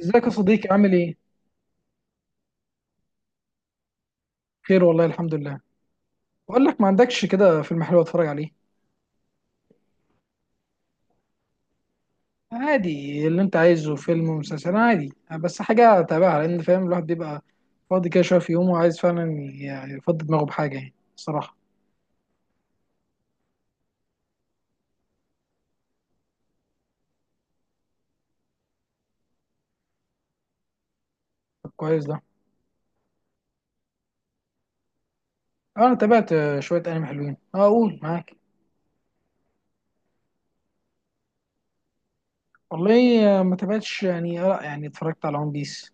ازيك يا صديقي عامل ايه؟ خير والله الحمد لله. بقول لك ما عندكش كده فيلم حلو اتفرج عليه؟ عادي اللي انت عايزه فيلم ومسلسل عادي، بس حاجة تابعها لان فاهم الواحد بيبقى فاضي كده شوية في يومه وعايز فعلا يفضي دماغه بحاجة، يعني الصراحة. طب، كويس ده. انا تابعت شوية انمي حلوين. اه، اقول معاك. والله ما تابعتش، يعني لا، يعني اتفرجت على ون بيس،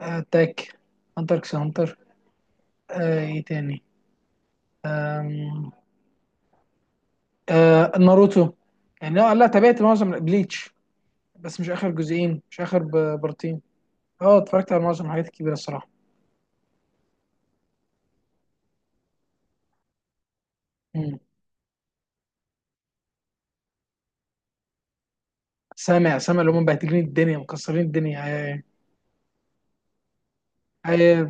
اتاك، هانتر اكس هانتر. ايه تاني؟ آم. ناروتو. يعني لا لا، تابعت معظم بليتش، بس مش اخر جزئين، مش اخر بارتين. اه، اتفرجت على معظم الحاجات الكبيره الصراحه. مم. سامع سامع اللي هم مبهدلين الدنيا، مكسرين الدنيا هي-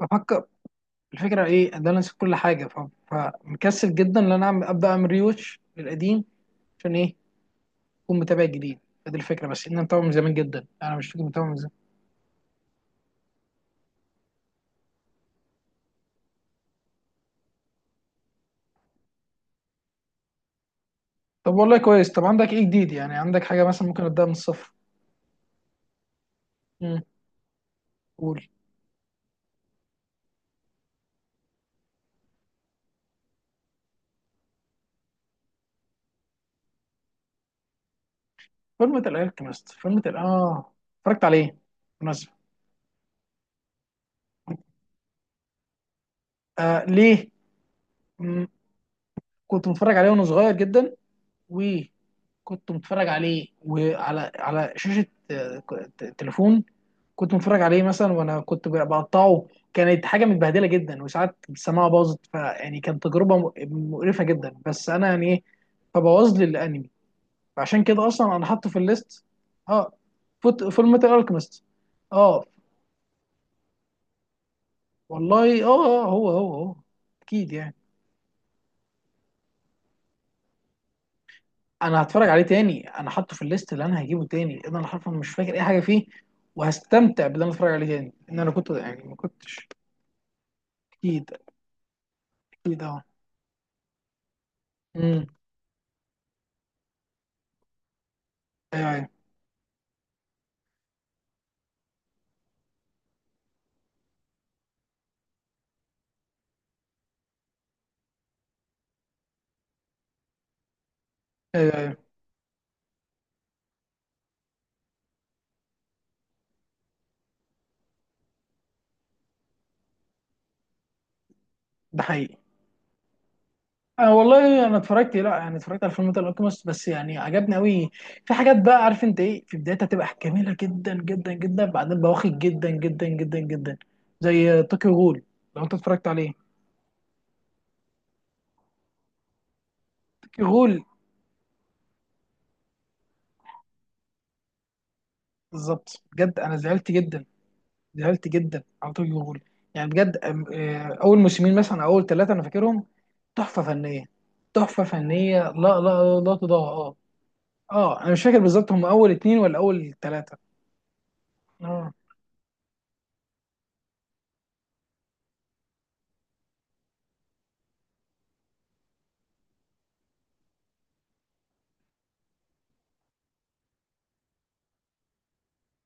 بفكر. الفكره ايه؟ ان انا نسيت كل حاجه، فمكسل جدا ان انا ابدا اعمل ريوتش للقديم. عشان ايه؟ اكون متابع جديد. فدي الفكره، بس ان انا متابع من زمان جدا، انا مش فاكر، متابع من زمان. طب والله كويس. طب عندك ايه جديد؟ يعني عندك حاجه مثلا ممكن ابدا من الصفر. مم. قول. فورمة الالكيمست، فورمة ال اه اتفرجت عليه بالمناسبة. آه، ليه؟ كنت متفرج عليه وانا صغير جدا، وكنت متفرج عليه، وعلى شاشة تليفون. كنت متفرج عليه مثلا وانا كنت بقطعه، كانت حاجة متبهدلة جدا، وساعات السماعة باظت، فيعني كانت تجربة مقرفة جدا، بس انا يعني ايه؟ فبوظ لي الانمي، فعشان كده اصلا انا حاطه في الليست. اه، فول ميتال الكيمست. اه. والله اه، هو، اكيد يعني. انا هتفرج عليه تاني، انا حاطه في الليست اللي انا هجيبه تاني، انا حرفيا مش فاكر اي حاجه فيه، وهستمتع باللي انا اتفرج عليه تاني، ان انا كنت يعني ما كنتش. اكيد. اكيد اه. امم. ايوه ايوه ايوه ايوه. ده حقيقي. والله انا اتفرجت، لا، يعني اتفرجت على فيلم الالكيميست، بس يعني عجبني قوي. في حاجات بقى، عارف انت ايه؟ في بدايتها تبقى جميله جدا جدا جدا، بعدين بواخد جدا جدا جدا جدا، زي طوكيو غول. لو انت اتفرجت عليه، طوكيو غول، بالظبط، بجد انا زعلت جدا، زعلت جدا على توجي هول. يعني بجد اول موسمين مثلا، أو اول ثلاثه انا فاكرهم. تحفه فنيه. تحفه فنيه، لا لا لا، لا تضاهى، اه. اه، انا مش فاكر بالظبط هم اول اتنين ولا اول ثلاثه. اه.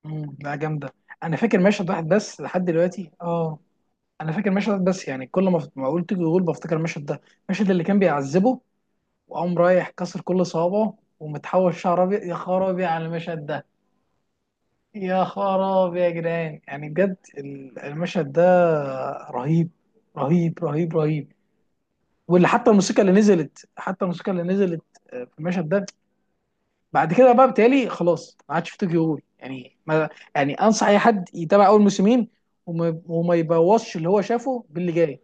مم، لا جامده. انا فاكر مشهد واحد بس لحد دلوقتي، اه. انا فاكر مشهد واحد بس، يعني كل ما قلت توجي هول بفتكر المشهد ده، المشهد اللي كان بيعذبه، وقام رايح كسر كل صوابعه ومتحول شعر ابيض. يا خرابي على المشهد ده. يا خراب يا جدعان، يعني بجد المشهد ده رهيب. رهيب رهيب رهيب. واللي حتى الموسيقى اللي نزلت، حتى الموسيقى اللي نزلت في المشهد ده. بعد كده بقى بتهيألي خلاص ما عادش في طوكيو غول، يعني ما. يعني انصح اي حد يتابع اول موسمين، وما يبوظش اللي هو شافه باللي جاي.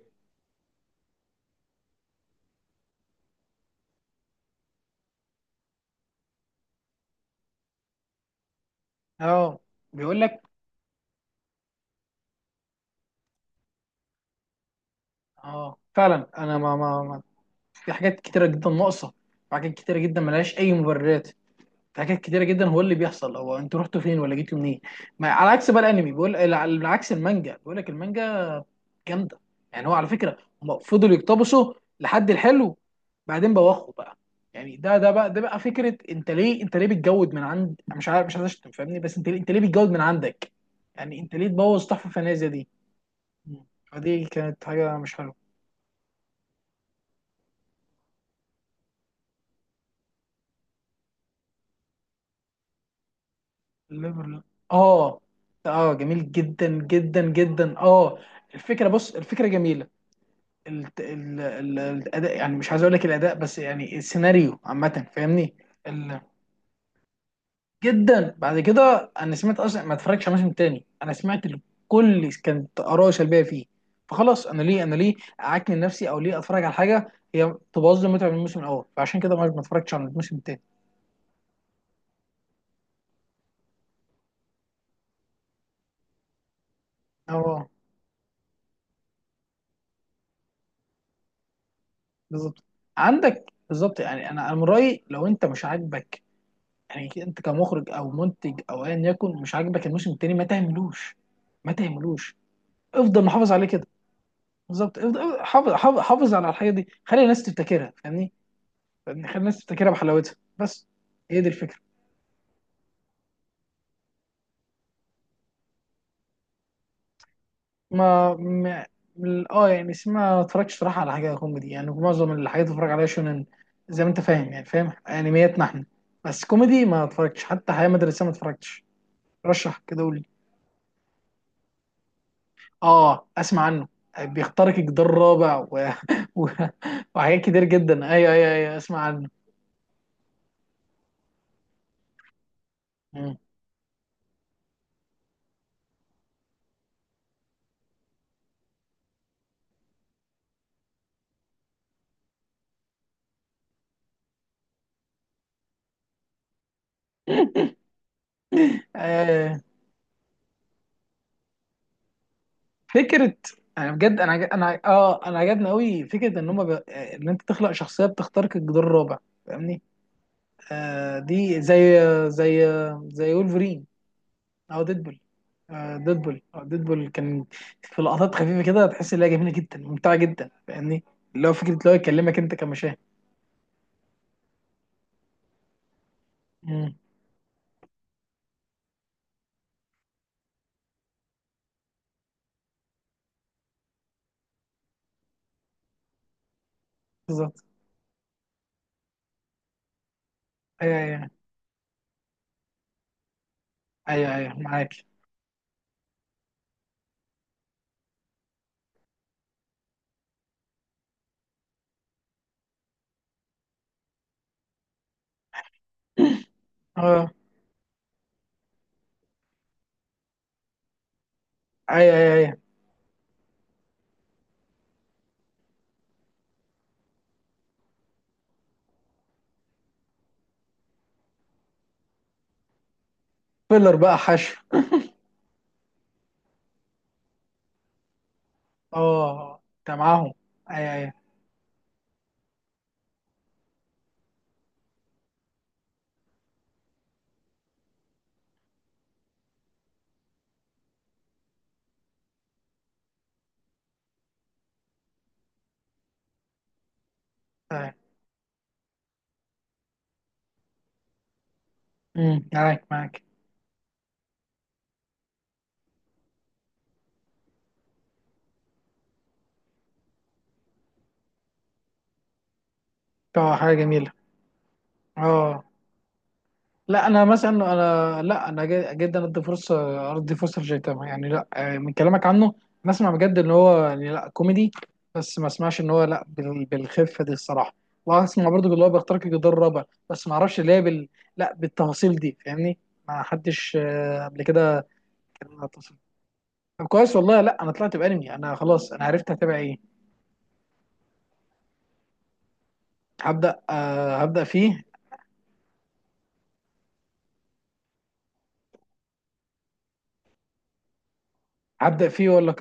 اه. بيقول لك. اه فعلا انا ما في حاجات كتيره جدا ناقصه، وحاجات كتيره جدا ملهاش اي مبررات. في حاجات كتيره جدا هو اللي بيحصل، هو انتوا رحتوا فين ولا جيتوا منين؟ ما على عكس بقى الانمي، بيقول على عكس المانجا، بيقول لك المانجا جامده. يعني هو على فكره، هم فضلوا يقتبسوا لحد الحلو، بعدين بوخوا بقى. يعني ده بقى فكره، انت ليه بتجود من عند، مش عارف، مش عايز اشتم، فاهمني، بس انت ليه بتجود من عندك. يعني انت ليه تبوظ تحفه فنيه زي دي؟ مم. فدي كانت حاجه مش حلوه. ليفرل، اه. اه جميل جدا جدا جدا، اه. الفكره، بص، الفكره جميله. الاداء، يعني مش عايز اقول لك الاداء، بس يعني السيناريو عامه، فاهمني. ال- جدا، بعد كده انا سمعت، اصلا ما اتفرجتش على موسم تاني، انا سمعت كانت اراء سلبيه فيه، فخلاص، انا ليه اعكن نفسي؟ او ليه اتفرج على حاجه هي تبوظ لي متعه من الموسم الاول؟ فعشان كده ما اتفرجتش على الموسم التاني. اه. بالظبط. عندك بالظبط، يعني انا من رايي، لو انت مش عاجبك، يعني انت كمخرج او منتج او ايا يكن، مش عاجبك الموسم التاني، ما تعملوش. ما تعملوش. افضل محافظ عليه كده. بالظبط، افضل حافظ حافظ حافظ على الحاجه دي، خلي الناس تفتكرها، فاهمني؟ فاهمني؟ خلي الناس تفتكرها بحلاوتها بس. هي دي الفكره. ما ما- اه، يعني اسمها، ما اتفرجش صراحه على حاجه كوميدي، يعني معظم الحاجات اللي اتفرج عليها شونن، زي ما انت فاهم، يعني فاهم انمياتنا احنا. بس كوميدي ما اتفرجتش، حتى حياه مدرسيه ما اتفرجتش. رشح كده، قول لي. اه، اسمع عنه. بيخترق الجدار الرابع و... وحاجات كتير جدا. ايوه ايوه ايوه، اسمع عنه. مم. آه. فكره. انا بجد، انا عجبني قوي فكره ان هم ان انت تخلق شخصيه بتخترق الجدار الرابع، فاهمني. آه، دي زي زي وولفرين، او ديدبول. آه ديدبول، آه ديدبول كان في لقطات خفيفه كده، تحس ان هي جميله جدا، ممتعه جدا، فاهمني. اللي هو فكره اللي هو يكلمك انت كمشاهد. مم، بالظبط. ايوه ايوه ايوه ايوه أيوة، معاك. اه، ايوه ايوه ايوه. فيلر بقى، حشو. اه، انت معاهم. ايوه ايوه ايوه. مم، معاك معاك. اه، حاجه جميله. اه، لا، انا مثلا انا، لا، انا جدا، ادي فرصه، لجيتاما، يعني لا، من كلامك عنه نسمع بجد ان هو يعني لا كوميدي، بس ما اسمعش ان هو لا بالخفه دي الصراحه، واسمع برضو اللي هو بيخترق الجدار الرابع، بس ما اعرفش اللي هي لا بالتفاصيل دي، فاهمني. ما حدش قبل كده كان على التفاصيل. طب كويس والله. لا، انا طلعت بانمي، انا خلاص انا عرفت هتابع ايه. هبدا فيه. هبدا فيه، ولا؟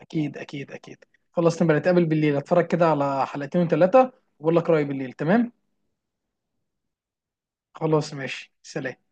اكيد اكيد اكيد. خلاص نبقى نتقابل بالليل، اتفرج كده على حلقتين وثلاثه واقول لك رايي بالليل. تمام. خلاص ماشي، سلام.